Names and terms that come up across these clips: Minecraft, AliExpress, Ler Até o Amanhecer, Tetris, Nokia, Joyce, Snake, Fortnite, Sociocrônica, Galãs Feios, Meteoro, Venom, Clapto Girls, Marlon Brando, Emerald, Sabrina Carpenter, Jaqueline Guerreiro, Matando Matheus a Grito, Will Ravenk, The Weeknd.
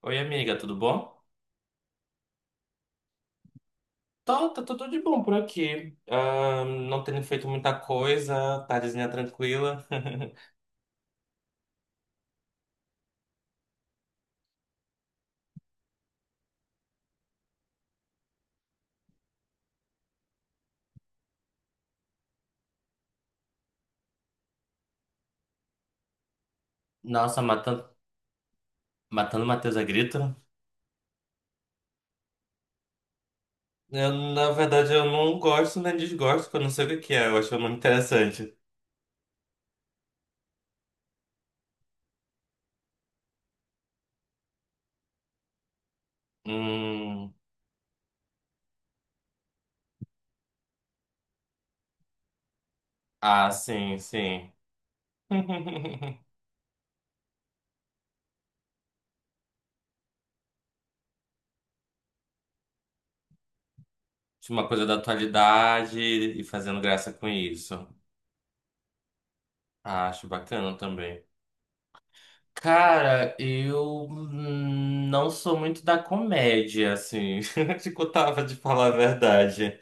Oi, amiga, tudo bom? Tá, tá tudo de bom por aqui. Ah, não tendo feito muita coisa, tardezinha tranquila. Nossa, matando, matando Matheus a grito. Eu, na verdade, eu não gosto nem desgosto, porque eu não sei o que que é, eu acho muito interessante. Hum, ah, sim, sim. De uma coisa da atualidade e fazendo graça com isso. Ah, acho bacana também. Cara, eu não sou muito da comédia, assim. Te contava de falar a verdade.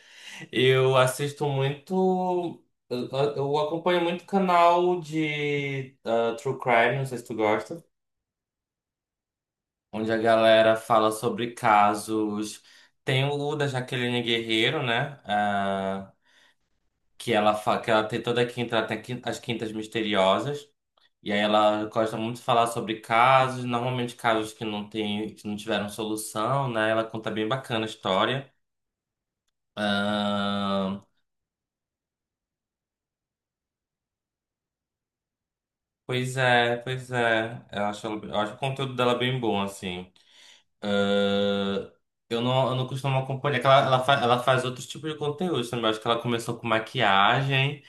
Eu assisto muito. Eu, eu acompanho muito canal de True Crime, não sei se tu gosta, onde a galera fala sobre casos. Tem o da Jaqueline Guerreiro, né? Ah, que ela tem toda quinta, ela tem as quintas misteriosas. E aí ela gosta muito de falar sobre casos, normalmente casos que não tiveram solução, né? Ela conta bem bacana a história. Ahn, pois é, pois é. Eu acho o conteúdo dela bem bom, assim. Ahn, eu não costumo acompanhar, é que ela faz outros tipos de conteúdo também. Eu acho que ela começou com maquiagem,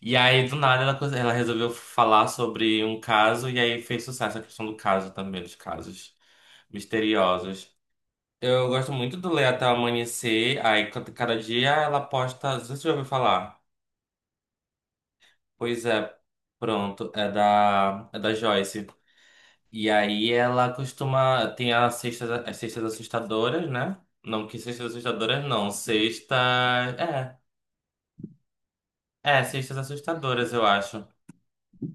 e aí do nada ela resolveu falar sobre um caso, e aí fez sucesso a questão do caso também, dos casos misteriosos. Eu gosto muito do Ler Até o Amanhecer. Aí, cada dia ela posta. Não sei se você já ouviu falar. Pois é, pronto. É da Joyce. E aí ela costuma. Tem as sextas assustadoras, né? Não, que sextas assustadoras não. Sexta. É. É, sextas assustadoras, eu acho.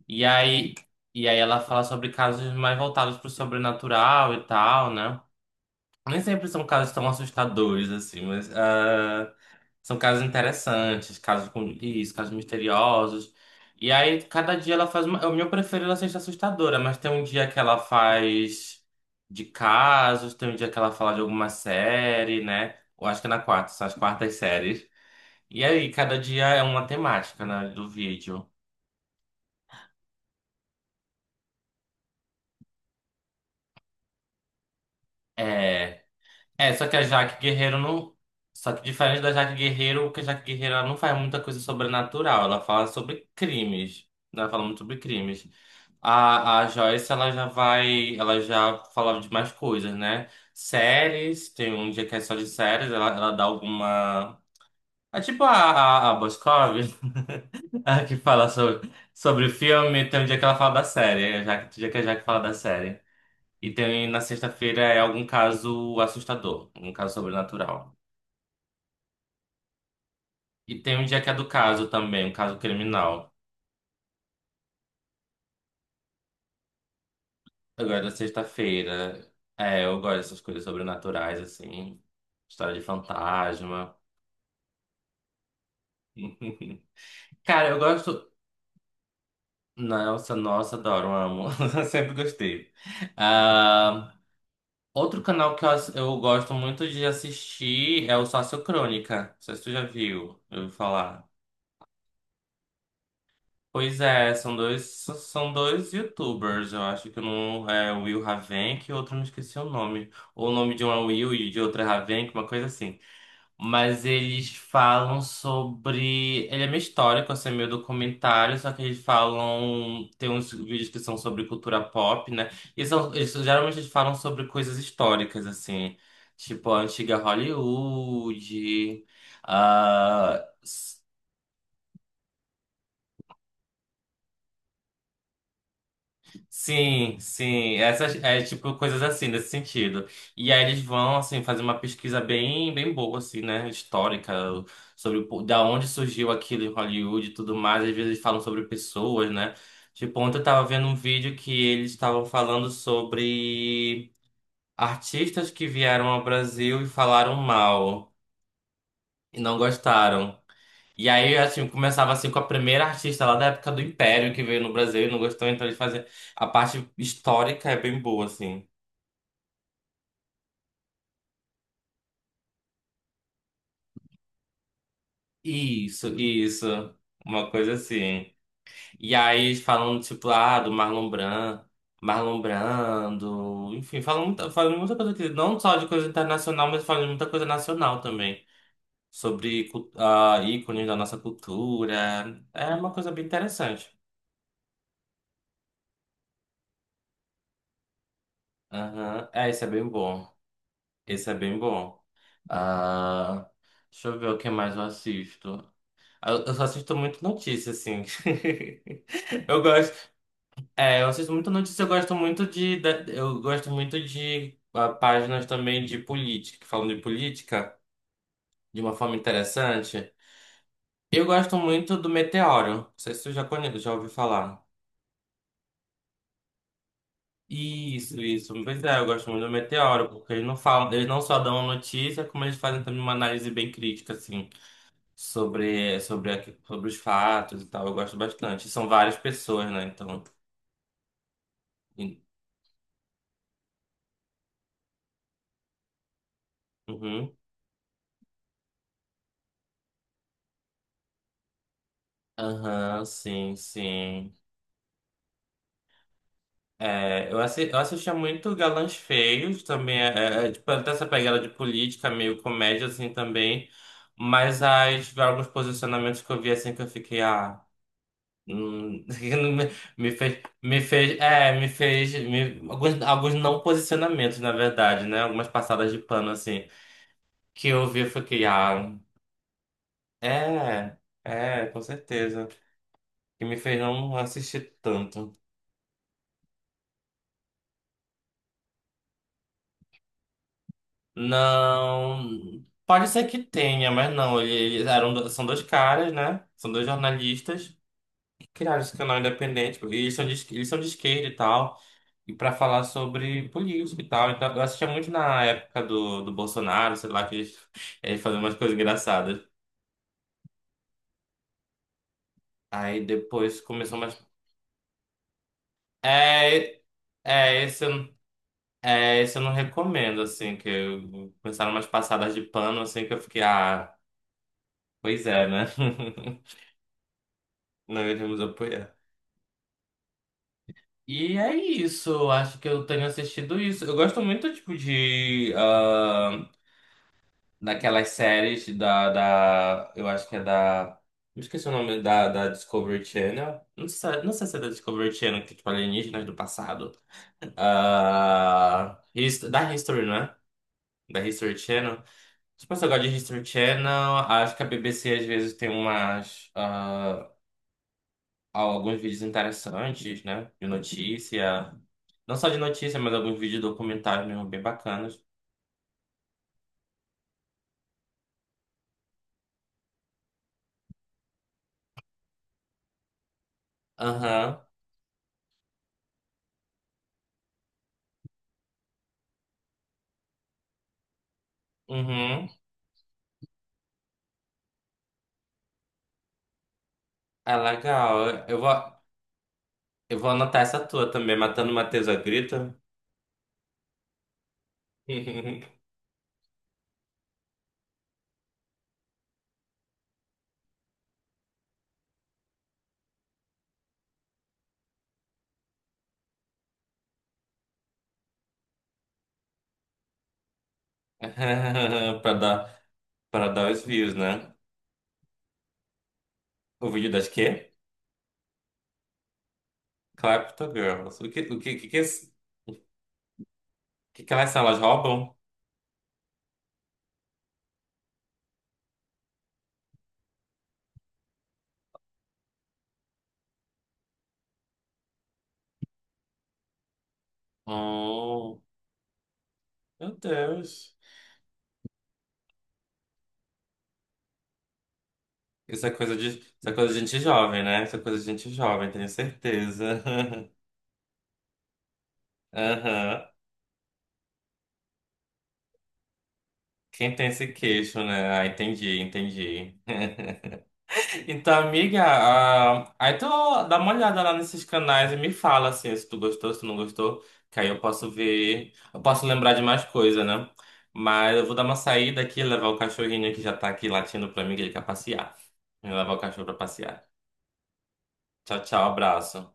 E aí. E aí ela fala sobre casos mais voltados pro sobrenatural e tal, né? Nem sempre são casos tão assustadores, assim, mas. Ah, são casos interessantes, casos com isso, casos misteriosos. E aí, cada dia ela faz uma. O meu preferido ela seja assustadora, mas tem um dia que ela faz de casos, tem um dia que ela fala de alguma série, né? Eu acho que é na quarta, são as quartas séries. E aí, cada dia é uma temática, né, do vídeo. É. É, só que a Jaque Guerreiro não. Só que diferente da Jaque Guerreiro, porque a Jaque Guerreiro ela não faz muita coisa sobrenatural, ela fala sobre crimes. Né, ela fala muito sobre crimes. A Joyce, ela já falava de mais coisas, né? Séries, tem um dia que é só de séries, ela dá alguma. É tipo a Boscov, a que fala sobre, sobre filme, tem um dia que ela fala da série, é já, tem um dia que a Jaque fala da série. E tem na sexta-feira é algum caso assustador, um caso sobrenatural. E tem um dia que é do caso também, um caso criminal. Agora, sexta-feira. É, eu gosto dessas coisas sobrenaturais, assim. História de fantasma. Cara, eu gosto. Nossa, nossa, adoro, amo. Sempre gostei. Ah, outro canal que eu gosto muito de assistir é o Sociocrônica. Não sei se tu já viu, eu ouvi falar. Pois é, são dois YouTubers, eu acho que um é o Will Ravenk e outro não esqueci o nome. Ou o nome de um é Will e de outro é Ravenk, uma coisa assim. Mas eles falam sobre. Ele é meio histórico, assim, é meio documentário, só que eles falam. Tem uns vídeos que são sobre cultura pop, né? E são, eles, geralmente eles falam sobre coisas históricas, assim, tipo a antiga Hollywood, ah, sim, sim. Essas é tipo coisas assim nesse sentido. E aí eles vão assim fazer uma pesquisa bem boa assim, né, histórica sobre da onde surgiu aquilo em Hollywood e tudo mais. Às vezes eles falam sobre pessoas, né? Tipo, ontem eu tava vendo um vídeo que eles estavam falando sobre artistas que vieram ao Brasil e falaram mal e não gostaram. E aí, assim, começava assim com a primeira artista lá da época do Império que veio no Brasil e não gostou, então eles faziam. A parte histórica é bem boa, assim. Isso, isso. Uma coisa assim. E aí eles falam, tipo, ah, do Marlon Brando, Marlon Brando, enfim, falam muita coisa aqui não só de coisa internacional, mas falam de muita coisa nacional também. Sobre ícones da nossa cultura. É uma coisa bem interessante. Aham. É, esse é bem bom. Esse é bem bom. Ah, deixa eu ver o que mais eu assisto. Ah, eu só assisto muito notícia, assim. Eu gosto. É, eu assisto muito notícia, eu gosto muito de páginas também de política, que falam de política de uma forma interessante. Eu gosto muito do Meteoro. Não sei se você já conhece, já ouviu falar. Isso, isso. Pois é, eu gosto muito do Meteoro, porque eles não só dão a notícia, como eles fazem também uma análise bem crítica, assim. Sobre os fatos e tal. Eu gosto bastante. São várias pessoas, né? Então. e- Uhum. Aham, sim, sim. É, eu assistia muito Galãs Feios também, é, tipo, até essa pegada de política, meio comédia assim também, mas alguns posicionamentos que eu vi assim que eu fiquei, ah, hum, me, me fez, é, me fez, me- alguns, alguns não posicionamentos, na verdade, né, algumas passadas de pano assim, que eu vi eu fiquei, ah, É, é, com certeza. Que me fez não assistir tanto. Não. Pode ser que tenha, mas não. Eles eram, são dois caras, né? São dois jornalistas. Criaram esse canal independente. E eles são de, eles são de esquerda e tal. E pra falar sobre política e tal. Então, eu assistia muito na época do Bolsonaro, sei lá, que eles faziam umas coisas engraçadas. Aí depois começou mais. É, é, esse eu É, isso eu não recomendo, assim, começaram umas passadas de pano, assim, que eu fiquei, ah, pois é, né? Não iremos apoiar. E é isso, eu acho que eu tenho assistido isso. Eu gosto muito, tipo, de... ah, daquelas séries eu acho que é da... Me esqueci o nome da Discovery Channel. Não sei, não sei se é da Discovery Channel, que é, tipo, alienígenas do passado. Ah, da History, não é? Da History Channel. Se você gosta de History Channel, acho que a BBC às vezes tem umas, ah, alguns vídeos interessantes, né? De notícia. Não só de notícia, mas alguns vídeos documentários mesmo bem bacanas. Aham, uhum. É legal. Eu vou anotar essa tua também, Matando Matheus a Grito. Pra dar, pra dar os views, né? O vídeo das quê? Clapto Girls. O que, que elas são? Elas roubam? Oh, meu Deus. Isso é coisa de gente jovem, né? Isso é coisa de gente jovem, tenho certeza. Aham. Quem tem esse queixo, né? Ah, entendi, entendi. Então, amiga, ah, aí tu dá uma olhada lá nesses canais e me fala assim, se tu gostou, se tu não gostou, que aí eu posso ver, eu posso lembrar de mais coisa, né? Mas eu vou dar uma saída aqui, levar o cachorrinho que já tá aqui latindo pra mim, que ele quer passear. Eu vou levar o cachorro pra passear. Tchau, tchau, abraço.